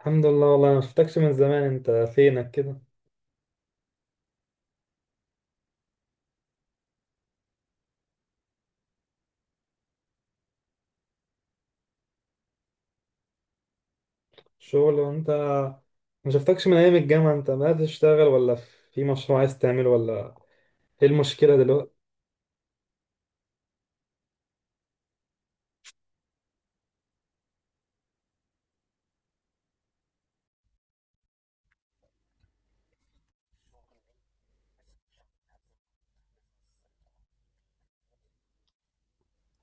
الحمد لله، والله ما شفتكش من زمان. انت فينك كده؟ شغل؟ وانت ما شفتكش من ايام الجامعة، انت بدأت تشتغل ولا في مشروع عايز تعمله ولا ايه المشكلة دلوقتي؟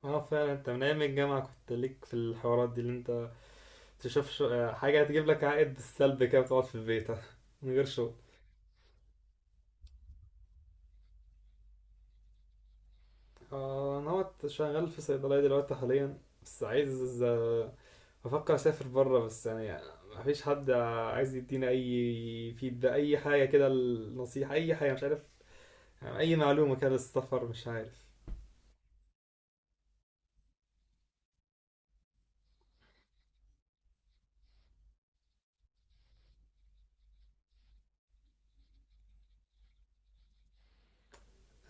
اه فعلا انت من ايام الجامعة كنت ليك في الحوارات دي، اللي انت حاجة هتجيب لك عائد بالسلب كده، بتقعد في البيت من غير شغل. انا هو شغال في صيدلية دلوقتي حاليا، بس عايز، بفكر اسافر بره، بس مفيش حد عايز يدينا اي فيدباك، اي حاجه كده، النصيحه، اي حاجه مش عارف، يعني اي معلومه كده للسفر مش عارف.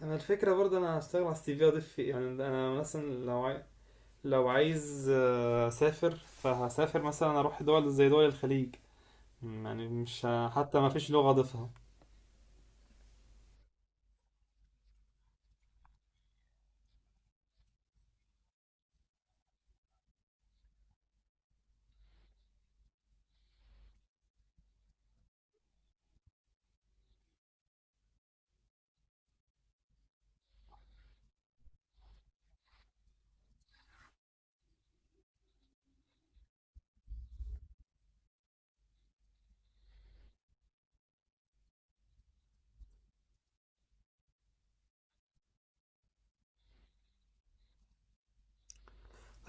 انا الفكره برضه انا هشتغل على السي في، اضيف فيه، يعني انا مثلا لو عايز اسافر فهسافر، مثلا اروح دول زي دول الخليج، يعني مش ه- حتى ما فيش لغه اضيفها.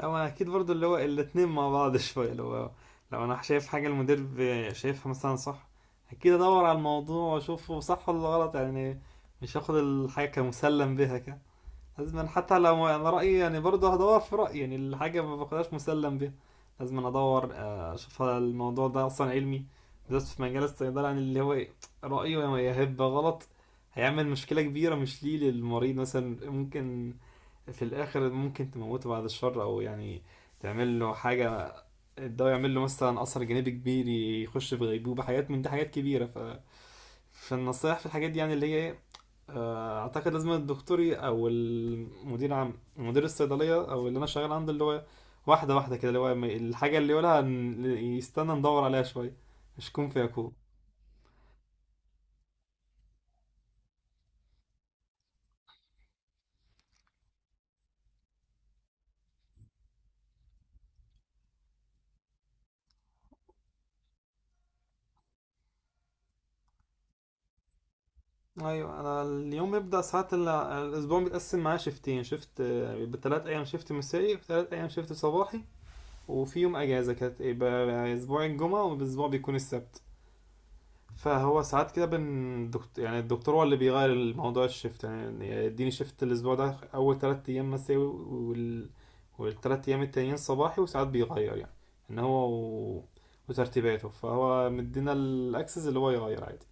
هو اكيد برضو اللي هو الاتنين مع بعض شوية، اللي هو لو انا شايف حاجة المدير شايفها مثلا صح، اكيد ادور على الموضوع واشوفه صح ولا غلط، يعني مش هاخد الحاجة كمسلم بها كده. لازم أنا حتى لو انا رأيي، يعني برضو هدور في رأيي، يعني الحاجة ما باخدهاش مسلم بها. لازم أنا ادور اشوف هل الموضوع ده اصلا علمي، بالذات في مجال الصيدلة، يعني اللي هو رأيه يا هيبقى غلط، هيعمل مشكلة كبيرة، مش ليه للمريض مثلا ممكن في الاخر ممكن تموته، بعد الشر، او يعني تعمل له حاجه، الدواء يعمل له مثلا اثر جانبي كبير، يخش في غيبوبه، حاجات من دي، حاجات كبيره، ف فالنصايح في الحاجات دي يعني اللي هي ايه، اعتقد لازم الدكتور او المدير عام مدير الصيدليه او اللي انا شغال عنده، اللي هو واحده واحده كده، اللي هو الحاجه اللي يقولها يستنى ندور عليها شويه، مش كون فيكون. ايوه انا اليوم بيبدأ، ساعات الاسبوع بيتقسم معايا شيفتين، شيفت بثلاث ايام شيفت مسائي وثلاث ايام شيفت صباحي، وفي يوم اجازه كانت يبقى اسبوع الجمعه والاسبوع بيكون السبت. فهو ساعات كده بن دكتور، يعني الدكتور هو اللي بيغير الموضوع الشيفت، يعني يديني شيفت الاسبوع ده اول ثلاث ايام مسائي، وال والثلاث ايام التانيين صباحي، وساعات بيغير، يعني ان وترتيباته، فهو مدينا الاكسس اللي هو يغير عادي.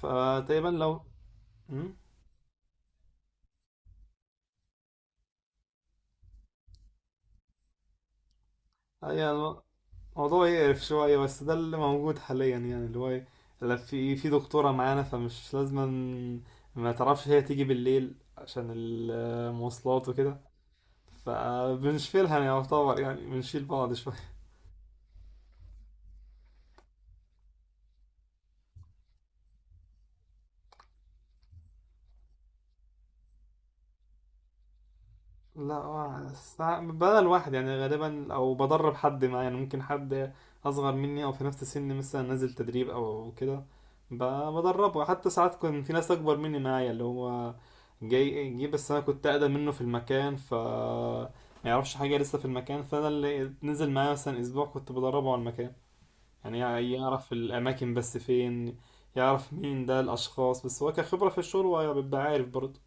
فتقريبا لو، مم؟ ايوه. موضوع يقرف شوية، بس ده اللي موجود حاليا، يعني اللي هو إيه، لا في دكتورة معانا، فمش لازم، ما تعرفش هي تيجي بالليل عشان المواصلات وكده، فبنشيلها يعني، يعتبر يعني بنشيل بعض شوية. لا بس بدل واحد يعني غالبا، او بدرب حد معايا، يعني ممكن حد اصغر مني او في نفس سني مثلا، نازل تدريب او كده، بدربه. حتى ساعات كان في ناس اكبر مني معايا، اللي هو جه، بس انا كنت اقدم منه في المكان، ف ما يعرفش حاجه لسه في المكان، فانا اللي نزل معايا مثلا اسبوع كنت بدربه على المكان، يعني يعرف الاماكن بس فين، يعرف مين ده الاشخاص، بس هو كخبره في الشغل هو بيبقى عارف برضه.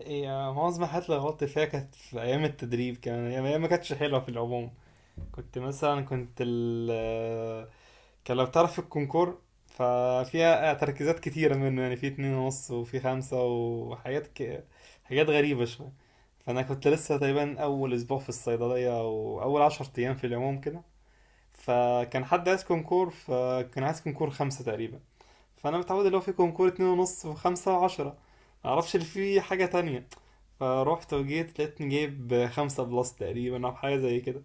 هي معظم الحاجات اللي غلطت فيها كانت في أيام التدريب كمان، هي ما كانتش حلوة في العموم. كنت مثلا كنت ال آه، كان لو تعرف الكونكور ففيها تركيزات كتيرة منه، يعني في اتنين ونص وفي خمسة وحاجات حاجات غريبة شوية. فأنا كنت لسه تقريبا أول أسبوع في الصيدلية أو أول عشر أيام في العموم كده. فكان عايز كونكور خمسة تقريبا. فأنا متعود اللي هو في كونكور اتنين ونص وخمسة وعشرة، معرفش اللي فيه حاجة تانية. فروحت وجيت لقيتني جايب خمسة بلس تقريبا أو حاجة زي كده.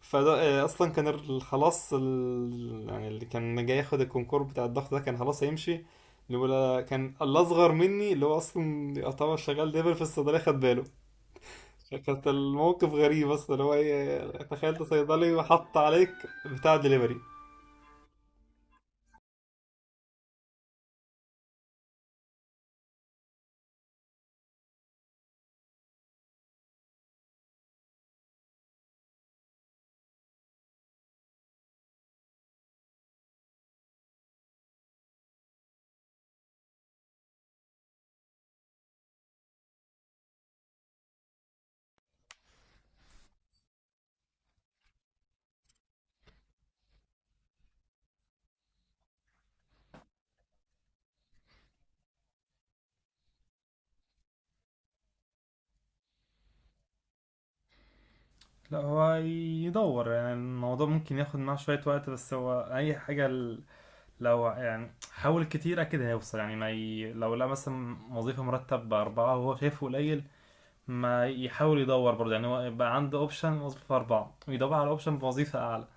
فده أصلا كان يعني اللي كان جاي ياخد الكونكور بتاع الضغط ده كان خلاص هيمشي. الأولى كان الأصغر مني، اللي هو أصلا يعتبر شغال ليفل في الصيدلية، خد باله فكانت الموقف غريب أصلا، اللي هو إيه، تخيلت صيدلي وحط عليك بتاع دليفري. لا هو يدور، يعني الموضوع ممكن ياخد معاه شوية وقت، بس هو أي حاجة لو يعني حاول كتير اكيد هيوصل، يعني ما ي... لو لا مثلا وظيفه مرتب باربعه وهو شايفه قليل، ما يحاول يدور برضه، يعني هو يبقى عنده اوبشن وظيفه اربعه ويدور على اوبشن بوظيفه اعلى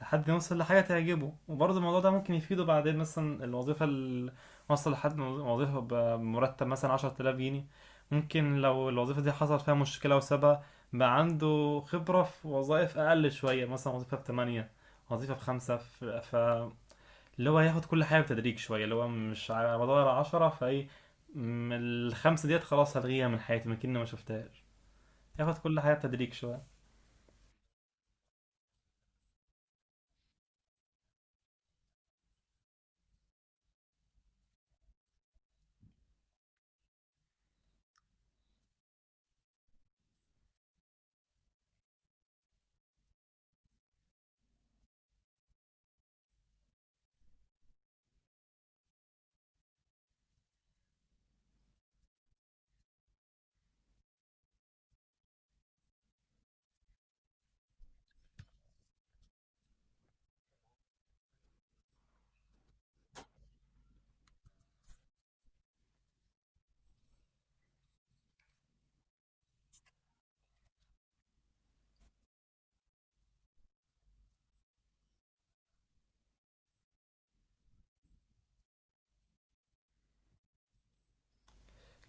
لحد ما يوصل لحاجه تعجبه. وبرضه الموضوع ده ممكن يفيده بعدين، مثلا الوظيفه اللي وصل لحد وظيفه بمرتب مثلا 10000 جنيه، ممكن لو الوظيفه دي حصل فيها مشكله وسابها، بقى عنده خبره في وظائف اقل شويه، مثلا وظيفه ب 8، وظيفه بخمسة، اللي هو هياخد كل حاجه بتدريج شويه، اللي هو مش على مدار عشرة، فايه، الخمسه ديت خلاص هلغيها من حياتي، ما كأني ما شفتهاش. ياخد كل حاجه بتدريج شويه.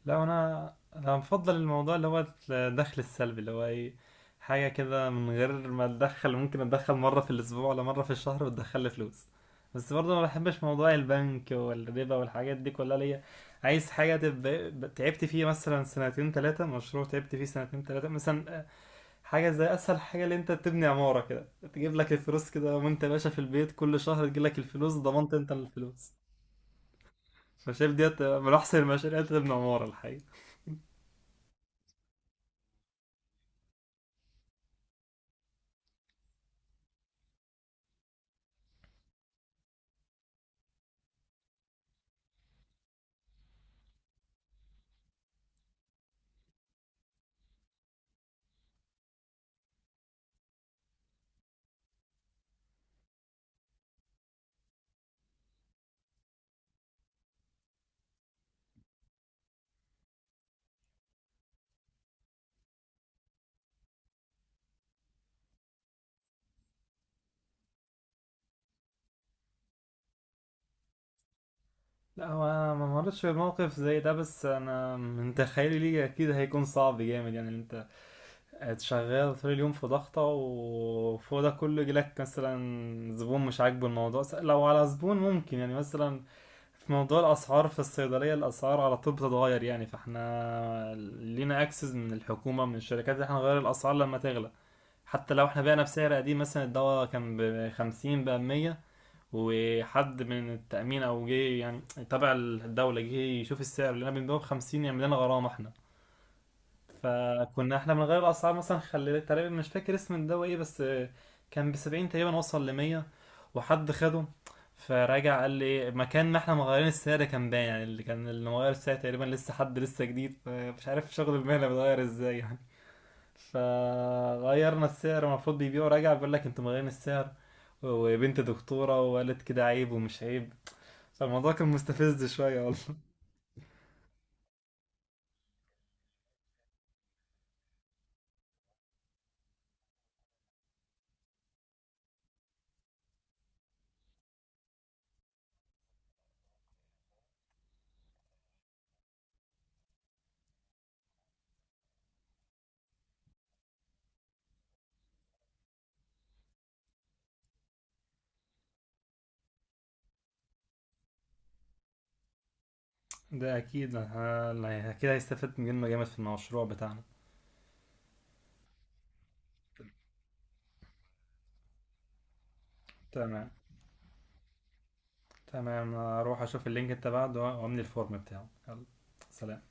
لا انا بفضل الموضوع اللي هو الدخل السلبي، اللي هو ايه، حاجه كده من غير ما اتدخل، ممكن اتدخل مره في الاسبوع ولا مره في الشهر وتدخل لي فلوس. بس برضه ما بحبش موضوع البنك والربا والحاجات دي كلها ليا. عايز حاجه تبقى تعبت فيه مثلا سنتين ثلاثه، مشروع تعبت فيه سنتين ثلاثه مثلا، حاجة زي أسهل حاجة اللي أنت تبني عمارة كده، تجيب لك الفلوس كده وأنت باشا في البيت، كل شهر تجيب لك الفلوس، ضمنت أنت الفلوس. فشايف ديت من أحسن المشاريع، اللي أنت تبني عمارة الحقيقة. لا هو أنا ما مرتش في موقف زي ده، بس أنا من تخيلي ليه أكيد هيكون صعب جامد، يعني اللي أنت شغال طول اليوم في ضغطة وفوق ده كله يجيلك مثلا زبون مش عاجبه الموضوع. لو على زبون ممكن يعني مثلا، في موضوع الاسعار في الصيدليه، الاسعار على طول بتتغير يعني، فاحنا لينا اكسس من الحكومه من الشركات ان احنا نغير الاسعار لما تغلى، حتى لو احنا بعنا بسعر قديم. مثلا الدواء كان ب 50 بقى 100، وحد من التامين او جه يعني تبع الدوله جه يشوف السعر اللي انا بنبيعه ب 50، يعمل لنا غرامه احنا. فكنا احنا بنغير الاسعار مثلا، خلي تقريبا مش فاكر اسم الدواء ايه بس كان بسبعين تقريبا، وصل لمية، وحد خده فراجع، قال لي إيه، مكان ما احنا مغيرين السعر كان باين يعني، اللي كان اللي مغير السعر تقريبا لسه حد لسه جديد فمش عارف شغل المهنة بيتغير ازاي يعني، فغيرنا السعر، المفروض بيبيعه راجع بيقول لك انتوا مغيرين السعر، وبنت دكتورة وقالت كده عيب ومش عيب. فالموضوع كان مستفز شوية والله. ده أكيد يعني أكيد هيستفاد منه جامد في المشروع بتاعنا. تمام. تمام هروح اشوف اللينك انت بعده واملي الفورم بتاعه. يلا، سلام.